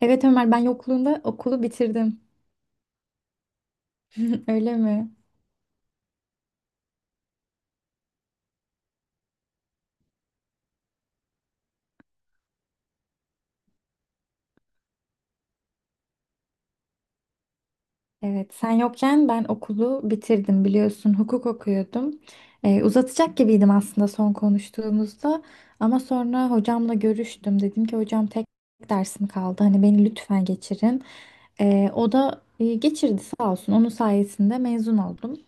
Evet Ömer ben yokluğunda okulu bitirdim. Öyle mi? Evet sen yokken ben okulu bitirdim biliyorsun hukuk okuyordum. Uzatacak gibiydim aslında son konuştuğumuzda ama sonra hocamla görüştüm. Dedim ki hocam tek dersim kaldı hani beni lütfen geçirin. O da geçirdi sağ olsun, onun sayesinde mezun oldum.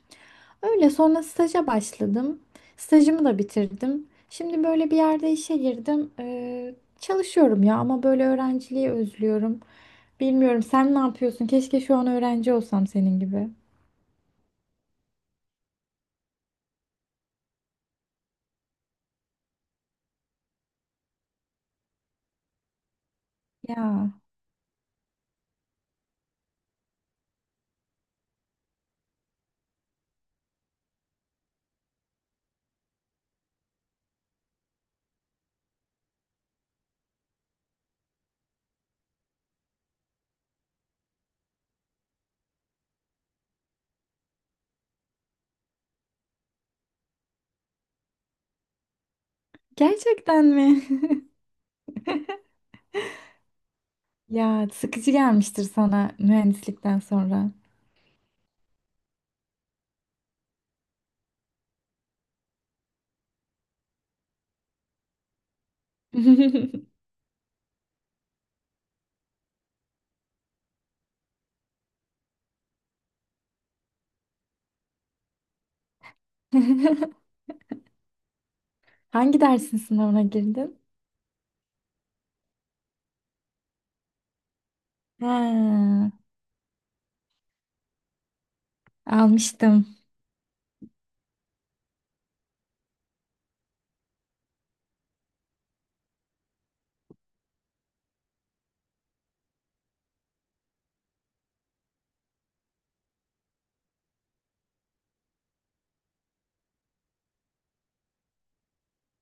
Öyle sonra staja başladım. Stajımı da bitirdim. Şimdi böyle bir yerde işe girdim. Çalışıyorum ya ama böyle öğrenciliği özlüyorum. Bilmiyorum, sen ne yapıyorsun? Keşke şu an öğrenci olsam senin gibi. Ya, gerçekten mi? Ya sıkıcı gelmiştir sana mühendislikten sonra. Hangi dersin sınavına girdin? Ha, almıştım.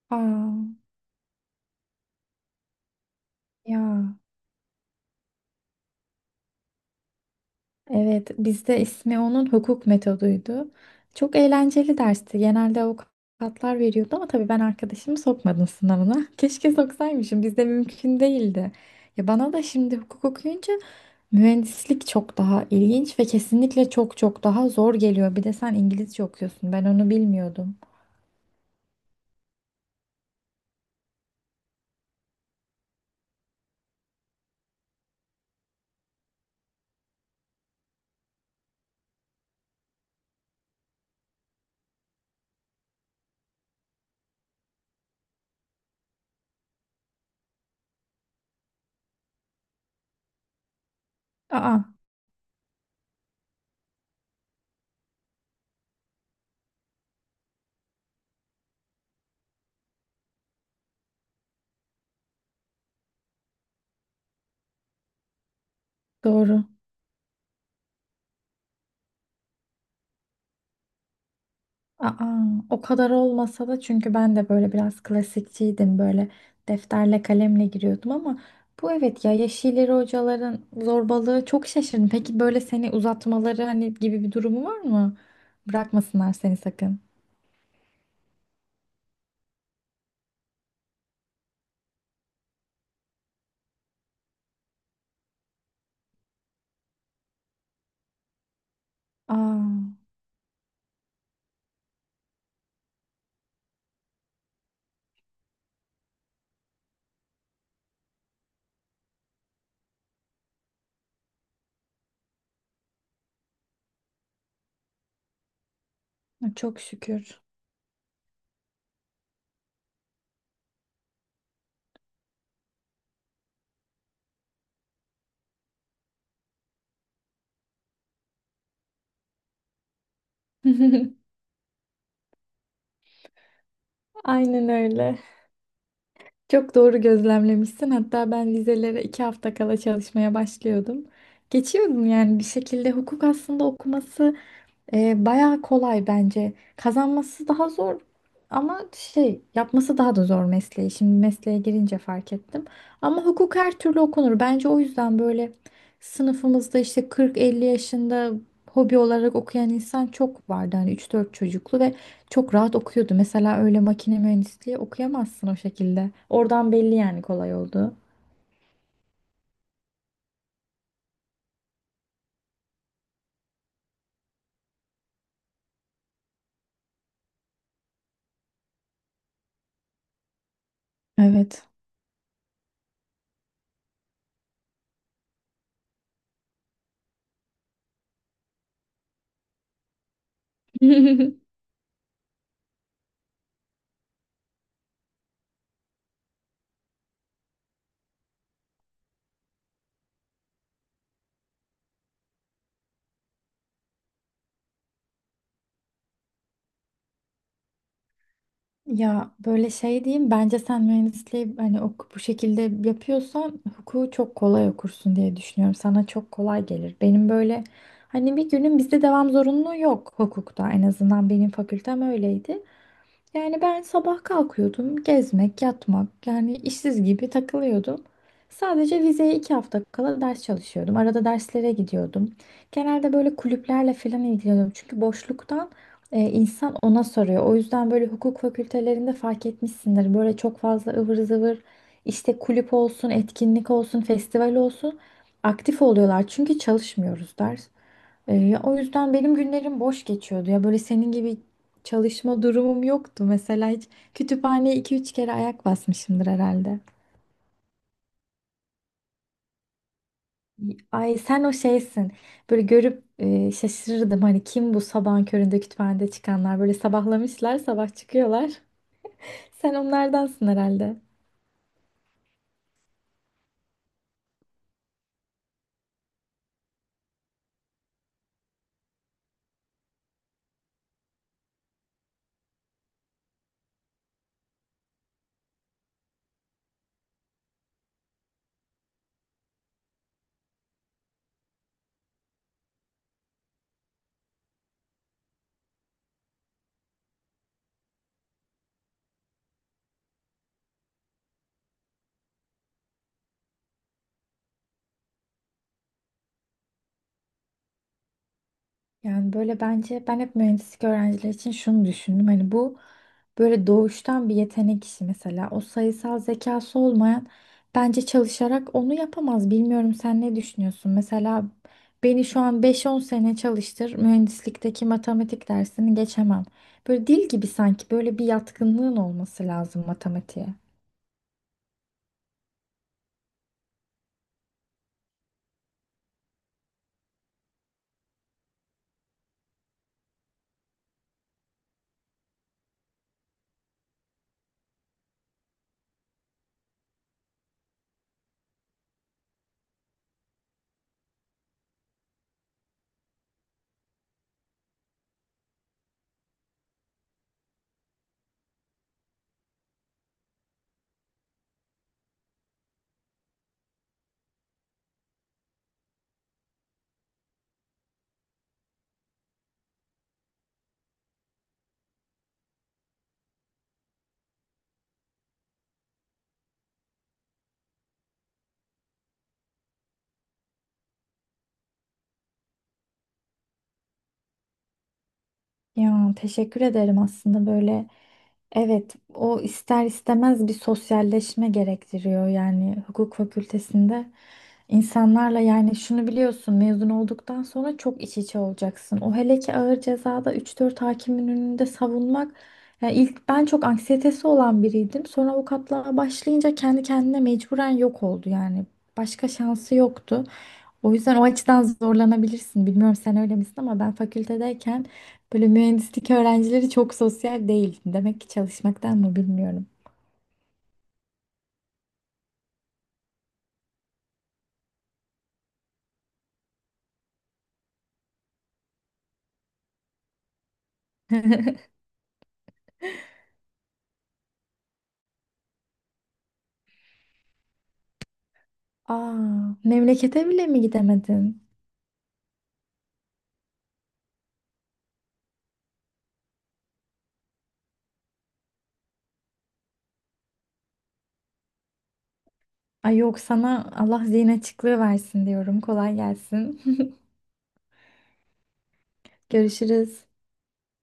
Aa, ya. Evet, bizde ismi onun hukuk metoduydu. Çok eğlenceli dersti. Genelde avukatlar veriyordu ama tabii ben arkadaşımı sokmadım sınavına. Keşke soksaymışım. Bizde mümkün değildi. Ya bana da şimdi hukuk okuyunca mühendislik çok daha ilginç ve kesinlikle çok çok daha zor geliyor. Bir de sen İngilizce okuyorsun. Ben onu bilmiyordum. Aa, doğru. Aa, o kadar olmasa da, çünkü ben de böyle biraz klasikçiydim, böyle defterle kalemle giriyordum ama bu evet ya, yeşilleri hocaların zorbalığı, çok şaşırdım. Peki böyle seni uzatmaları hani gibi bir durumu var mı? Bırakmasınlar seni sakın. Aa, çok şükür. Aynen öyle. Çok doğru gözlemlemişsin. Hatta ben vizelere iki hafta kala çalışmaya başlıyordum. Geçiyordum yani bir şekilde. Hukuk aslında okuması, bayağı kolay bence. Kazanması daha zor ama şey, yapması daha da zor mesleği. Şimdi mesleğe girince fark ettim. Ama hukuk her türlü okunur. Bence o yüzden böyle sınıfımızda işte 40-50 yaşında hobi olarak okuyan insan çok vardı. Hani 3-4 çocuklu ve çok rahat okuyordu. Mesela öyle makine mühendisliği okuyamazsın o şekilde. Oradan belli, yani kolay oldu. Evet. Ya böyle şey diyeyim, bence sen mühendisliği hani oku-, bu şekilde yapıyorsan hukuku çok kolay okursun diye düşünüyorum. Sana çok kolay gelir. Benim böyle hani bir günün, bizde devam zorunluluğu yok hukukta, en azından benim fakültem öyleydi. Yani ben sabah kalkıyordum, gezmek, yatmak, yani işsiz gibi takılıyordum. Sadece vizeye iki hafta kala ders çalışıyordum. Arada derslere gidiyordum. Genelde böyle kulüplerle falan ilgileniyordum. Çünkü boşluktan insan ona soruyor. O yüzden böyle hukuk fakültelerinde fark etmişsindir. Böyle çok fazla ıvır zıvır işte kulüp olsun, etkinlik olsun, festival olsun, aktif oluyorlar. Çünkü çalışmıyoruz ders. Ya o yüzden benim günlerim boş geçiyordu. Ya böyle senin gibi çalışma durumum yoktu mesela, hiç kütüphaneye iki üç kere ayak basmışımdır herhalde. Ay sen o şeysin. Böyle görüp şaşırırdım hani, kim bu sabahın köründe kütüphanede çıkanlar, böyle sabahlamışlar sabah çıkıyorlar. Sen onlardansın herhalde. Yani böyle, bence ben hep mühendislik öğrencileri için şunu düşündüm. Hani bu böyle doğuştan bir yetenek işi mesela. O sayısal zekası olmayan bence çalışarak onu yapamaz. Bilmiyorum, sen ne düşünüyorsun? Mesela beni şu an beş on sene çalıştır, mühendislikteki matematik dersini geçemem. Böyle dil gibi, sanki böyle bir yatkınlığın olması lazım matematiğe. Ya teşekkür ederim aslında. Böyle evet, o ister istemez bir sosyalleşme gerektiriyor yani hukuk fakültesinde insanlarla, yani şunu biliyorsun, mezun olduktan sonra çok iç içe olacaksın. O hele ki ağır cezada üç dört hakimin önünde savunmak, yani ilk ben çok anksiyetesi olan biriydim, sonra avukatlığa başlayınca kendi kendine mecburen yok oldu yani, başka şansı yoktu. O yüzden o açıdan zorlanabilirsin. Bilmiyorum sen öyle misin ama ben fakültedeyken böyle mühendislik öğrencileri çok sosyal değil. Demek ki çalışmaktan mı, bilmiyorum. Aa, memlekete bile mi gidemedin? Ay yok, sana Allah zihin açıklığı versin diyorum. Kolay gelsin. Görüşürüz.